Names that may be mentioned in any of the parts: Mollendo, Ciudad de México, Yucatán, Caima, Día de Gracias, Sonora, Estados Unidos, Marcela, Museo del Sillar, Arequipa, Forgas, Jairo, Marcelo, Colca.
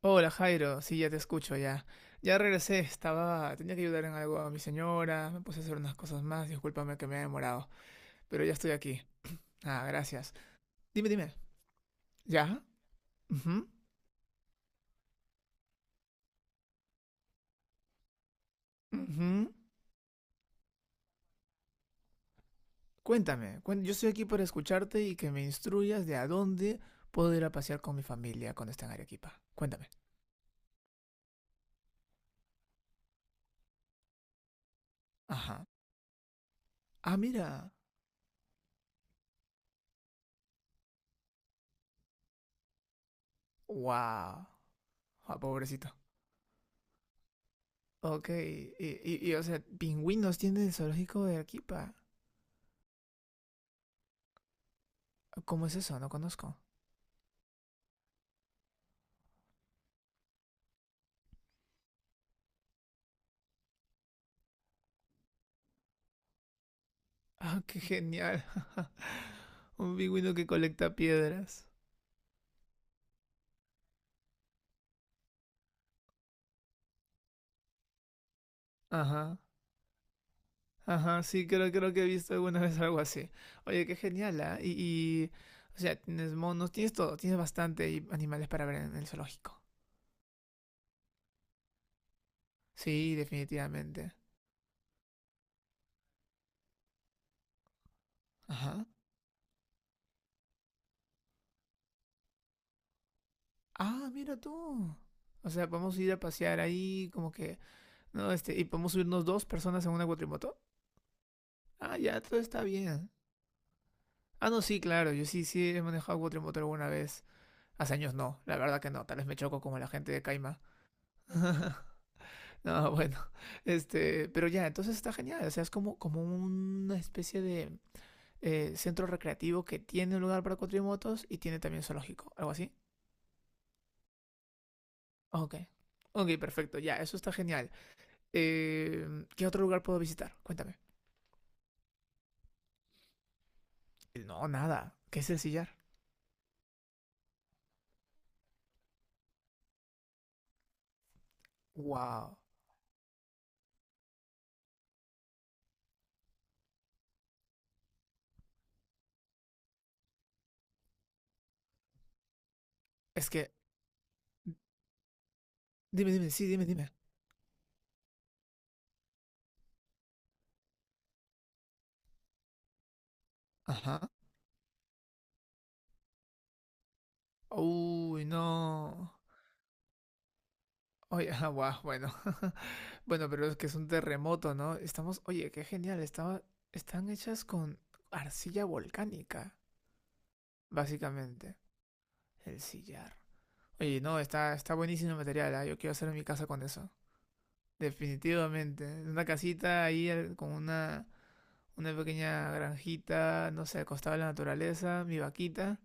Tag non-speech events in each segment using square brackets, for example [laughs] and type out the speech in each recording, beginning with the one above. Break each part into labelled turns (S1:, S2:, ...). S1: Hola Jairo, sí, ya te escucho ya. Ya regresé, estaba, tenía que ayudar en algo a mi señora, me puse a hacer unas cosas más, discúlpame que me he demorado, pero ya estoy aquí. Ah, gracias. Dime, dime. ¿Ya? Ujú, ujú. Cuéntame, yo estoy aquí para escucharte y que me instruyas de a dónde puedo ir a pasear con mi familia cuando esté en Arequipa. Cuéntame. Ajá. Ah, mira. Wow. Ah, pobrecito. Ok, o sea, pingüinos tiene el zoológico de Arequipa. ¿Cómo es eso? No conozco. Qué genial. [laughs] Un pingüino que colecta piedras. Ajá. Ajá, sí, creo que he visto alguna vez algo así. Oye, qué genial, ¿ah? O sea, tienes monos, tienes todo, tienes bastante animales para ver en el zoológico. Sí, definitivamente. Ajá. Ah, mira tú. O sea, podemos ir a pasear ahí, como que, no, este, y podemos subirnos dos personas en una cuatrimoto. Ah, ya, todo está bien. Ah, no, sí, claro, yo sí, sí he manejado cuatrimoto alguna vez. Hace años no, la verdad que no, tal vez me choco como la gente de Caima. [laughs] No, bueno, este, pero ya, entonces está genial, o sea, es como, como una especie de centro recreativo que tiene un lugar para cuatrimotos y tiene también zoológico, algo así. Ok, ok, perfecto, ya, eso está genial. ¿Qué otro lugar puedo visitar? Cuéntame. No, nada, ¿qué es el sillar? Wow, es que, dime, dime, sí, dime, dime. Ajá. Uy, no. Oye, [laughs] ah, guau, bueno. [laughs] Bueno, pero es que es un terremoto, ¿no? Estamos, oye, qué genial, estaba, están hechas con arcilla volcánica, básicamente, el sillar. Oye, no, está, está buenísimo el material, ¿ah? Yo quiero hacer mi casa con eso. Definitivamente. Una casita con una pequeña granjita, no sé, acostada en la naturaleza, mi vaquita,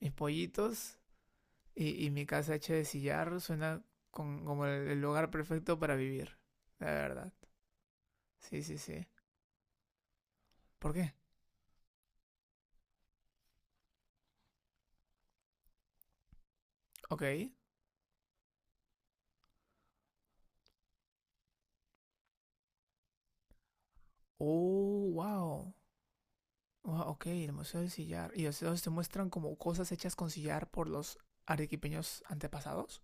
S1: mis pollitos y mi casa hecha de sillar suena como el lugar perfecto para vivir, la verdad. Sí, sí, sí. ¿Por qué? Ok. Oh, wow. Wow, ok, el Museo del Sillar. ¿Y los te muestran como cosas hechas con sillar por los arequipeños antepasados?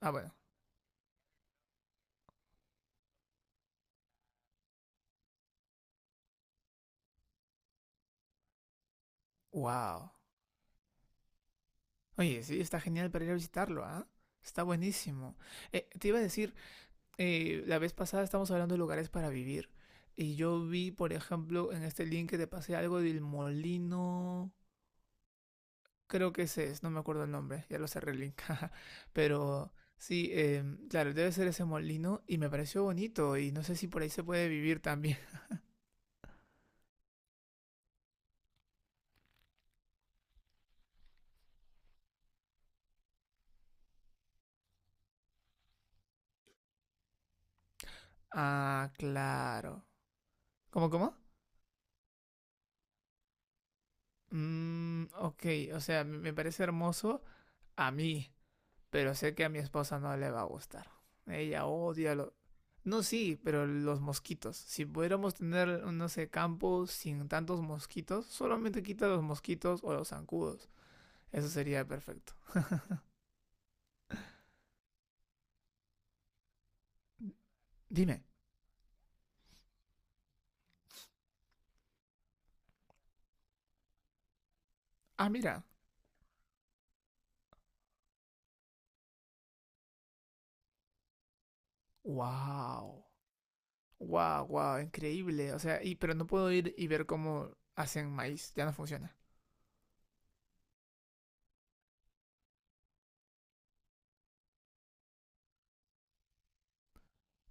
S1: Ah, bueno. Wow. Oye, sí, está genial para ir a visitarlo, ¿ah? Está buenísimo. Te iba a decir, la vez pasada estamos hablando de lugares para vivir. Y yo vi, por ejemplo, en este link que te pasé algo del molino. Creo que ese es, no me acuerdo el nombre, ya lo cerré el link. [laughs] Pero sí, claro, debe ser ese molino y me pareció bonito y no sé si por ahí se puede vivir también. [laughs] Ah, claro. ¿Cómo, cómo? Mm, ok, o sea, me parece hermoso a mí, pero sé que a mi esposa no le va a gustar. Ella odia lo... No, sí, pero los mosquitos. Si pudiéramos tener, no sé, campos sin tantos mosquitos, solamente quita los mosquitos o los zancudos. Eso sería perfecto. Dime. Ah, mira. Wow. Wow, wow, increíble. O sea, y pero no puedo ir y ver cómo hacen maíz, ya no funciona.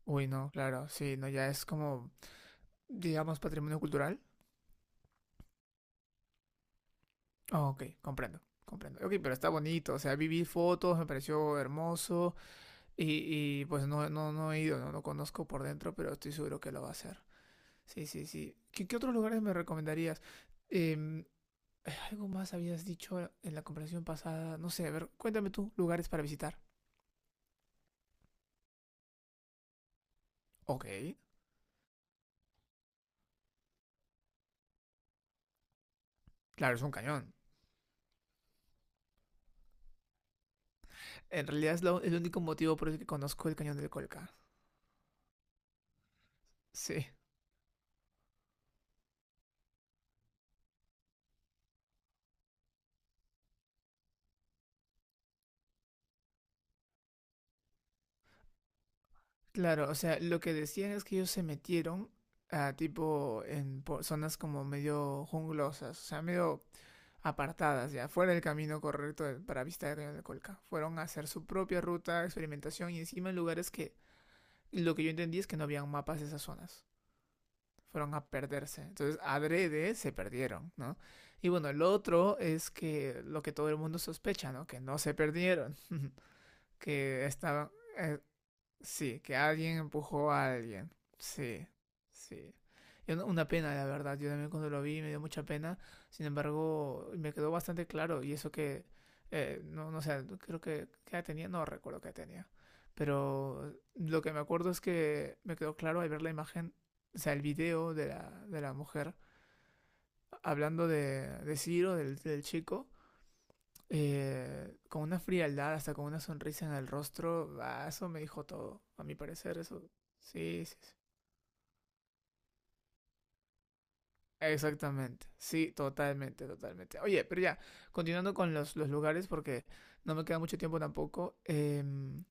S1: Uy, no, claro, sí, no, ya es como, digamos, patrimonio cultural. Ah, ok, comprendo, comprendo. Ok, pero está bonito, o sea, viví fotos, me pareció hermoso y pues no, no, no he ido, no, no conozco por dentro, pero estoy seguro que lo va a hacer. Sí, sí, sí. ¿Qué, qué otros lugares me recomendarías? Em, algo más habías dicho en la conversación pasada, no sé, a ver, cuéntame tú, lugares para visitar. Ok, claro, es un cañón. En realidad es el único motivo por el que conozco el cañón del Colca. Sí, claro, o sea, lo que decían es que ellos se metieron a tipo en zonas como medio junglosas, o sea, medio apartadas, ya fuera del camino correcto para visitar el cañón del Colca. Fueron a hacer su propia ruta, experimentación y encima en lugares que lo que yo entendí es que no habían mapas de esas zonas. Fueron a perderse. Entonces, adrede se perdieron, ¿no? Y bueno, el otro es que lo que todo el mundo sospecha, ¿no? Que no se perdieron, [laughs] que estaban, eh, sí, que alguien empujó a alguien. Sí, sí. Y una pena, la verdad. Yo también cuando lo vi me dio mucha pena. Sin embargo, me quedó bastante claro. Y eso que, no, no sé, creo que, ¿qué edad tenía? No recuerdo qué edad tenía. Pero lo que me acuerdo es que me quedó claro al ver la imagen, o sea, el video de la mujer hablando de Ciro, del, del chico con una frialdad, hasta con una sonrisa en el rostro, ah, eso me dijo todo, a mi parecer, eso. Sí, sí, sí. Exactamente, sí, totalmente, totalmente. Oye, pero ya, continuando con los lugares, porque no me queda mucho tiempo tampoco.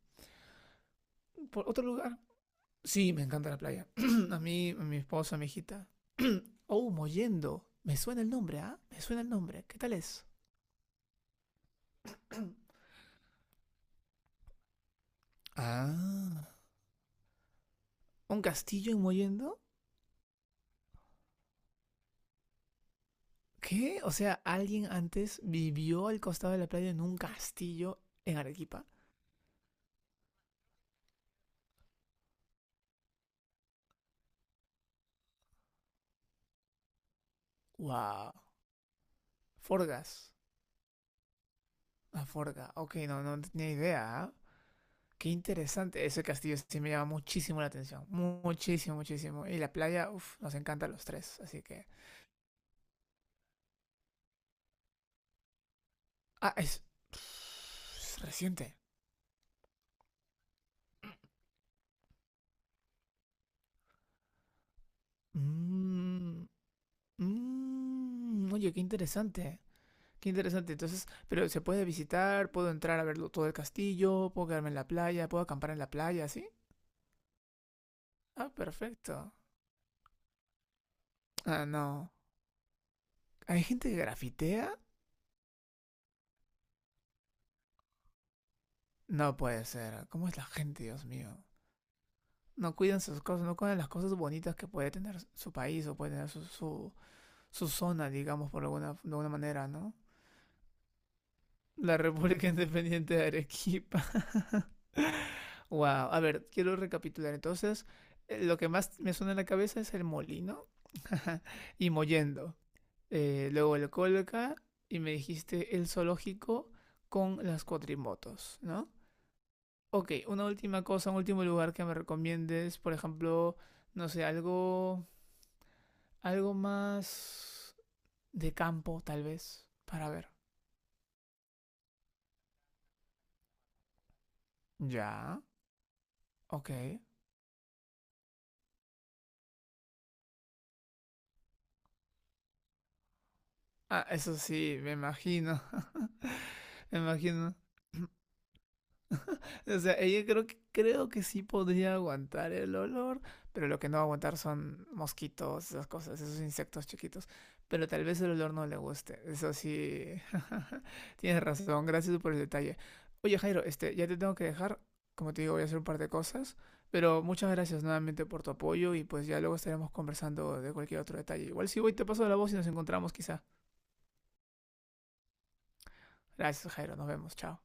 S1: ¿Por otro lugar? Sí, me encanta la playa. [clears throat] A mí, a mi esposa, a mi hijita. [clears throat] Oh, Mollendo. Me suena el nombre, ¿ah? Me suena el nombre. ¿Qué tal es? Ah. ¿Un castillo en Mollendo? ¿Qué? O sea, alguien antes vivió al costado de la playa en un castillo en Arequipa. ¡Wow! Forgas. Ah, Forga. Ok, no, no tenía idea. ¿Ah? Qué interesante. Ese castillo sí me llama muchísimo la atención. Muchísimo, muchísimo. Y la playa, uff, nos encanta a los tres. Así que. Ah, es. Es reciente. Mm, mm, oye, qué interesante. Qué interesante. Entonces, pero se puede visitar, puedo entrar a verlo todo el castillo, puedo quedarme en la playa, puedo acampar en la playa, ¿sí? Ah, perfecto. Ah, no. ¿Hay gente que grafitea? No puede ser. ¿Cómo es la gente, Dios mío? No cuidan sus cosas, no cuidan las cosas bonitas que puede tener su país o puede tener su, su, su zona, digamos, por alguna, de alguna manera, ¿no? La República [laughs] Independiente de Arequipa. [laughs] Wow. A ver, quiero recapitular. Entonces, lo que más me suena en la cabeza es el molino [laughs] y Mollendo. Luego el Colca y me dijiste el zoológico con las cuatrimotos, ¿no? Ok, una última cosa, un último lugar que me recomiendes, por ejemplo, no sé, algo, algo más de campo, tal vez, para ver. Ya, ok. Ah, eso sí, me imagino, [laughs] me imagino. O sea, ella creo que sí podría aguantar el olor, pero lo que no va a aguantar son mosquitos, esas cosas, esos insectos chiquitos. Pero tal vez el olor no le guste. Eso sí, [laughs] tienes razón, gracias por el detalle. Oye, Jairo, este, ya te tengo que dejar. Como te digo, voy a hacer un par de cosas, pero muchas gracias nuevamente por tu apoyo y pues ya luego estaremos conversando de cualquier otro detalle. Igual si voy te paso la voz y nos encontramos quizá. Gracias, Jairo, nos vemos, chao.